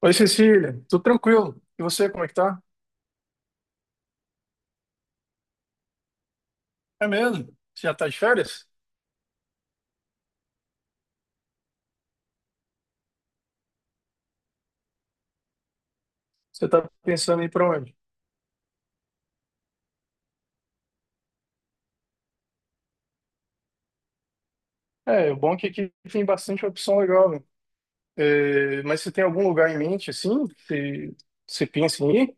Oi, Cecília, tudo tranquilo? E você, como é que tá? É mesmo? Você já tá de férias? Você tá pensando em ir pra onde? É, o bom é que aqui tem bastante opção legal, né? É, mas você tem algum lugar em mente, assim, que você pensa em ir?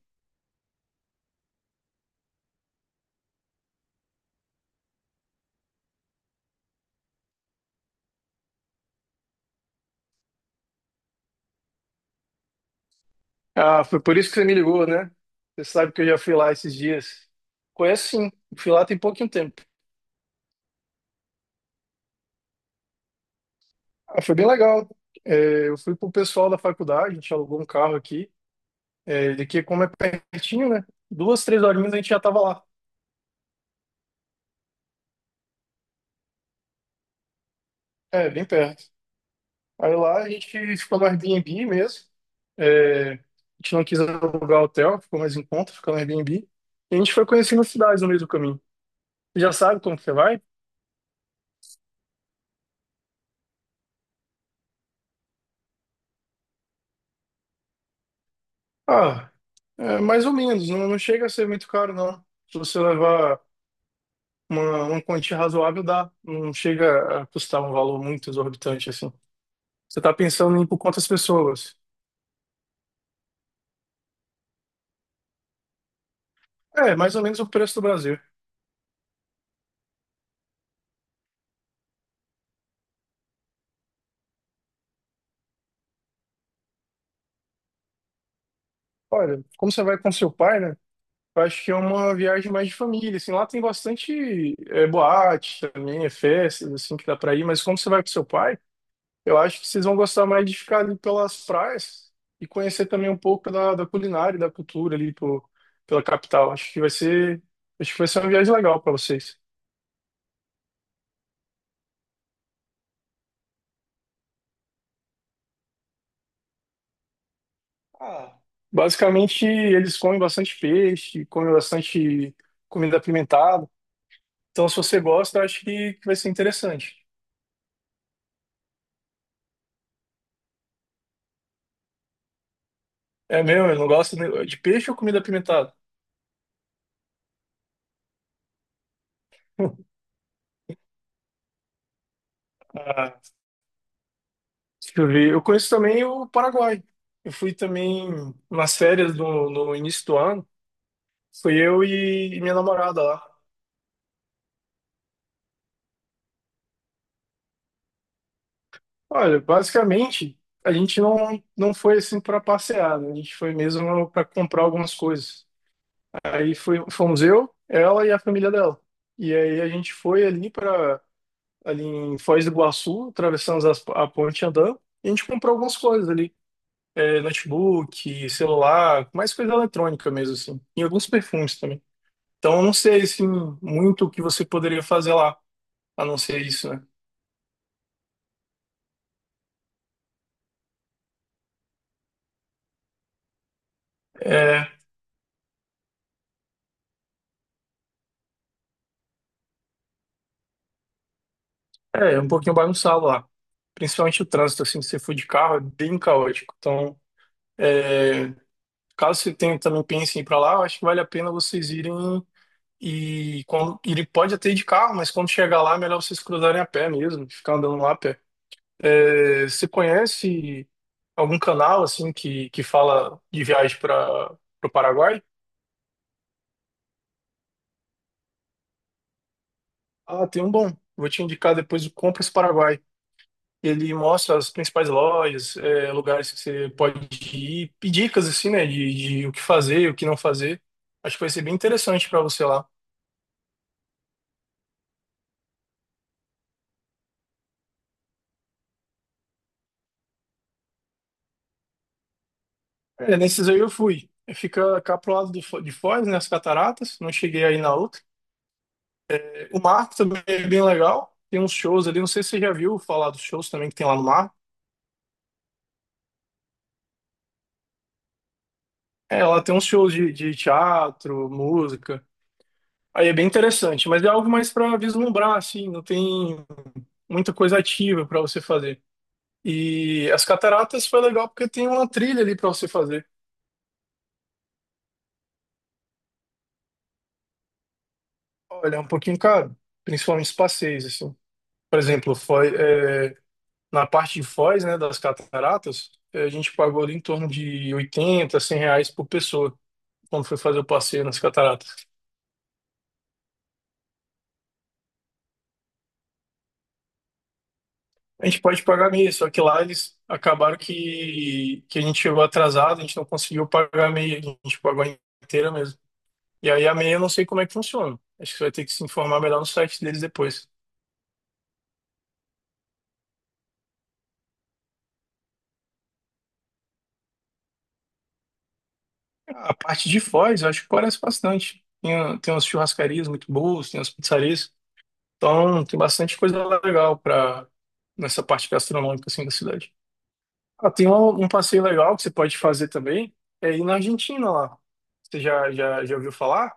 Ah, foi por isso que você me ligou, né? Você sabe que eu já fui lá esses dias. Conheço sim, fui lá tem pouquinho tempo. Ah, foi bem legal. É, eu fui com o pessoal da faculdade, a gente alugou um carro aqui, é, daqui como é pertinho, né? Duas, três horinhas a gente já tava lá. É, bem perto. Aí lá a gente ficou no Airbnb mesmo. É, a gente não quis alugar hotel, ficou mais em conta, ficou no Airbnb. E a gente foi conhecendo as cidades no meio do caminho. Você já sabe como que você vai? Ah, é, mais ou menos. Não, não chega a ser muito caro, não. Se você levar uma quantia razoável, dá. Não chega a custar um valor muito exorbitante, assim. Você tá pensando em ir por quantas pessoas? É, mais ou menos o preço do Brasil. Olha, como você vai com seu pai, né? Eu acho que é uma viagem mais de família, assim, lá tem bastante é, boate também, é festas, assim, que dá pra ir, mas como você vai com seu pai, eu acho que vocês vão gostar mais de ficar ali pelas praias e conhecer também um pouco da, da culinária e da cultura ali pô, pela capital. Acho que vai ser, acho que vai ser uma viagem legal para vocês. Ah, basicamente, eles comem bastante peixe, comem bastante comida apimentada. Então, se você gosta, eu acho que vai ser interessante. É mesmo, eu não gosto de peixe ou comida apimentada? Ah, deixa eu ver. Eu conheço também o Paraguai. Eu fui também nas férias do, no início do ano. Fui eu e minha namorada lá. Olha, basicamente, a gente não foi assim para passear, né? A gente foi mesmo para comprar algumas coisas. Aí foi, fomos eu, ela e a família dela. E aí a gente foi ali para ali em Foz do Iguaçu, atravessamos a ponte andando, e a gente comprou algumas coisas ali é, notebook, celular, mais coisa eletrônica mesmo, assim. E alguns perfumes também. Então, eu não sei, assim, muito o que você poderia fazer lá, a não ser isso, né? É, é um pouquinho bagunçado lá. Principalmente o trânsito, assim, se você for de carro, é bem caótico. Então, caso você tenha, também pense em ir pra lá, eu acho que vale a pena vocês irem e quando, ele pode até ir de carro, mas quando chegar lá, é melhor vocês cruzarem a pé mesmo, ficar andando lá a pé. É, você conhece algum canal assim que fala de viagem para o Paraguai? Ah, tem um bom. Vou te indicar depois o Compras Paraguai. Ele mostra as principais lojas, é, lugares que você pode ir, e dicas assim, né, de o que fazer, o que não fazer. Acho que vai ser bem interessante para você lá. É, nesses aí eu fui. Fica cá pro lado do de Foz, né, as cataratas. Não cheguei aí na outra. O mar também é bem legal. Tem uns shows ali, não sei se você já viu falar dos shows também que tem lá no mar. É, ela tem uns shows de teatro, música. Aí é bem interessante, mas é algo mais para vislumbrar, assim, não tem muita coisa ativa para você fazer. E as cataratas foi legal porque tem uma trilha ali para você fazer. Olha, é um pouquinho caro, principalmente os passeios, assim. Por exemplo, na parte de Foz, né, das cataratas, é, a gente pagou ali em torno de 80 100 reais por pessoa, quando foi fazer o passeio nas cataratas. A gente pode pagar meia, só que lá eles acabaram que a gente chegou atrasado, a gente não conseguiu pagar a meia, a gente pagou a inteira mesmo. E aí a meia eu não sei como é que funciona. Acho que você vai ter que se informar melhor no site deles depois. A parte de Foz, eu acho que parece bastante. Tem umas churrascarias muito boas, tem umas pizzarias. Então, tem bastante coisa legal para nessa parte gastronômica assim da cidade. Ah, tem um passeio legal que você pode fazer também, é ir na Argentina lá. Você já ouviu falar?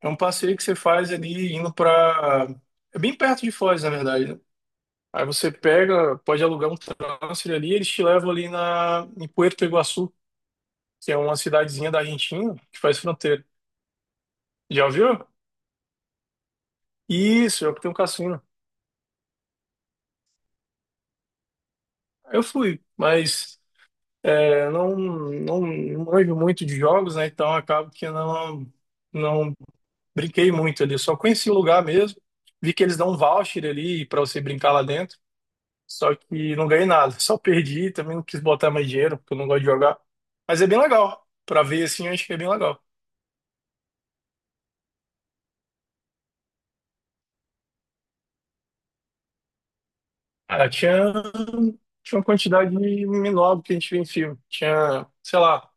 É um passeio que você faz ali indo pra. É bem perto de Foz, na verdade, né? Aí você pega, pode alugar um transfer ali, eles te levam ali na... em Puerto Iguaçu, que é uma cidadezinha da Argentina que faz fronteira. Já ouviu? Isso, é o que tem um cassino. Eu fui, mas é, não manjo muito de jogos, né? Então acabo que não brinquei muito ali. Só conheci o lugar mesmo. Vi que eles dão um voucher ali para você brincar lá dentro. Só que não ganhei nada, só perdi, também não quis botar mais dinheiro, porque eu não gosto de jogar. Mas é bem legal. Pra ver assim, eu acho que é bem legal. Ah, tinha uma quantidade menor do que a gente vê em filme. Tinha, sei lá,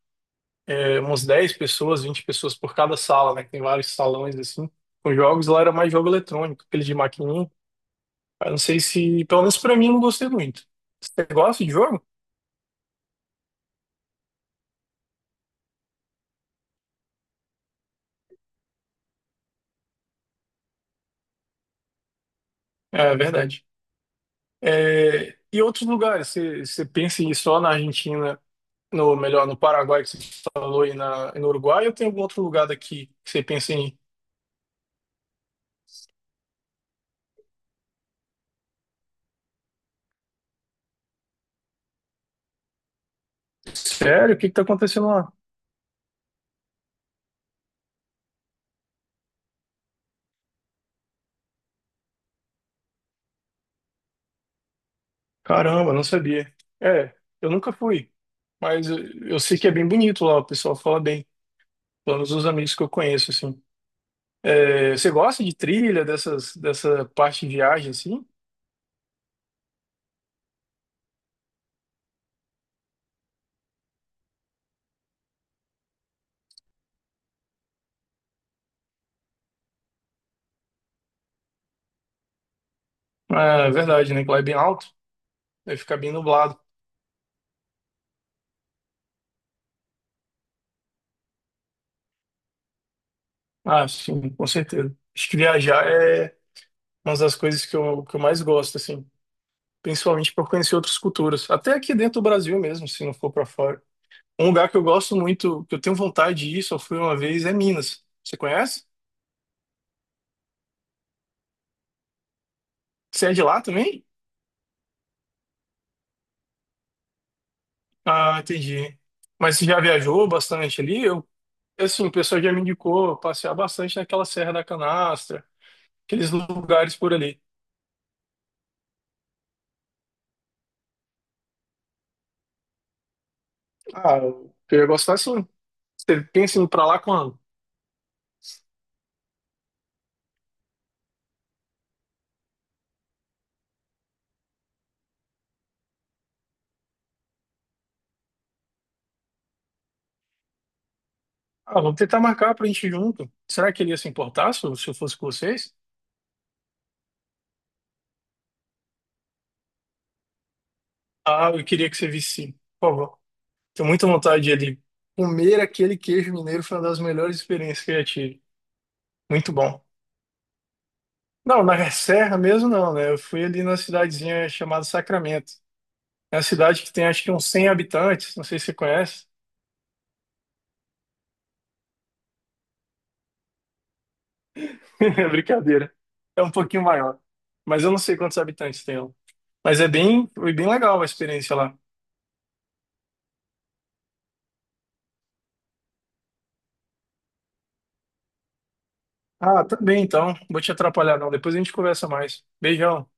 é, umas 10 pessoas, 20 pessoas por cada sala, né? que tem vários salões assim. Com jogos lá era mais jogo eletrônico, aquele de maquininha. Eu não sei se, pelo menos pra mim, eu não gostei muito. Você gosta de jogo? É verdade. É, e outros lugares? Você pensa em ir só na Argentina? No, melhor, no Paraguai que você falou e no Uruguai, ou tem algum outro lugar daqui que você pensa em, sério, o que que tá acontecendo lá? Caramba, não sabia. É, eu nunca fui, mas eu sei que é bem bonito lá, o pessoal fala bem, pelo menos os amigos que eu conheço, assim. É, você gosta de trilha, dessas, dessa parte de viagem, assim? Ah, é verdade, né, que lá é bem alto, vai ficar bem nublado. Ah, sim, com certeza. Acho que viajar é uma das coisas que eu mais gosto, assim. Principalmente por conhecer outras culturas, até aqui dentro do Brasil mesmo, se não for para fora. Um lugar que eu gosto muito, que eu tenho vontade de ir, só fui uma vez, é Minas. Você conhece? Você é de lá também? Ah, entendi. Mas você já viajou bastante ali? Eu, assim, o pessoal já me indicou passear bastante naquela Serra da Canastra, aqueles lugares por ali. Ah, eu ia gostar sim. Você pensa em ir pra lá quando? Ah, vamos tentar marcar pra gente ir junto. Será que ele ia se importar se eu fosse com vocês? Ah, eu queria que você visse, sim. Por favor. Tenho muita vontade de ali. Comer aquele queijo mineiro foi uma das melhores experiências que eu já tive. Muito bom. Não, na Serra mesmo não, né? Eu fui ali numa cidadezinha chamada Sacramento. É uma cidade que tem acho que uns 100 habitantes, não sei se você conhece. É brincadeira. É um pouquinho maior. Mas eu não sei quantos habitantes tem lá. Mas é bem, foi bem legal a experiência lá. Ah, tá bem então. Vou te atrapalhar não. Depois a gente conversa mais. Beijão.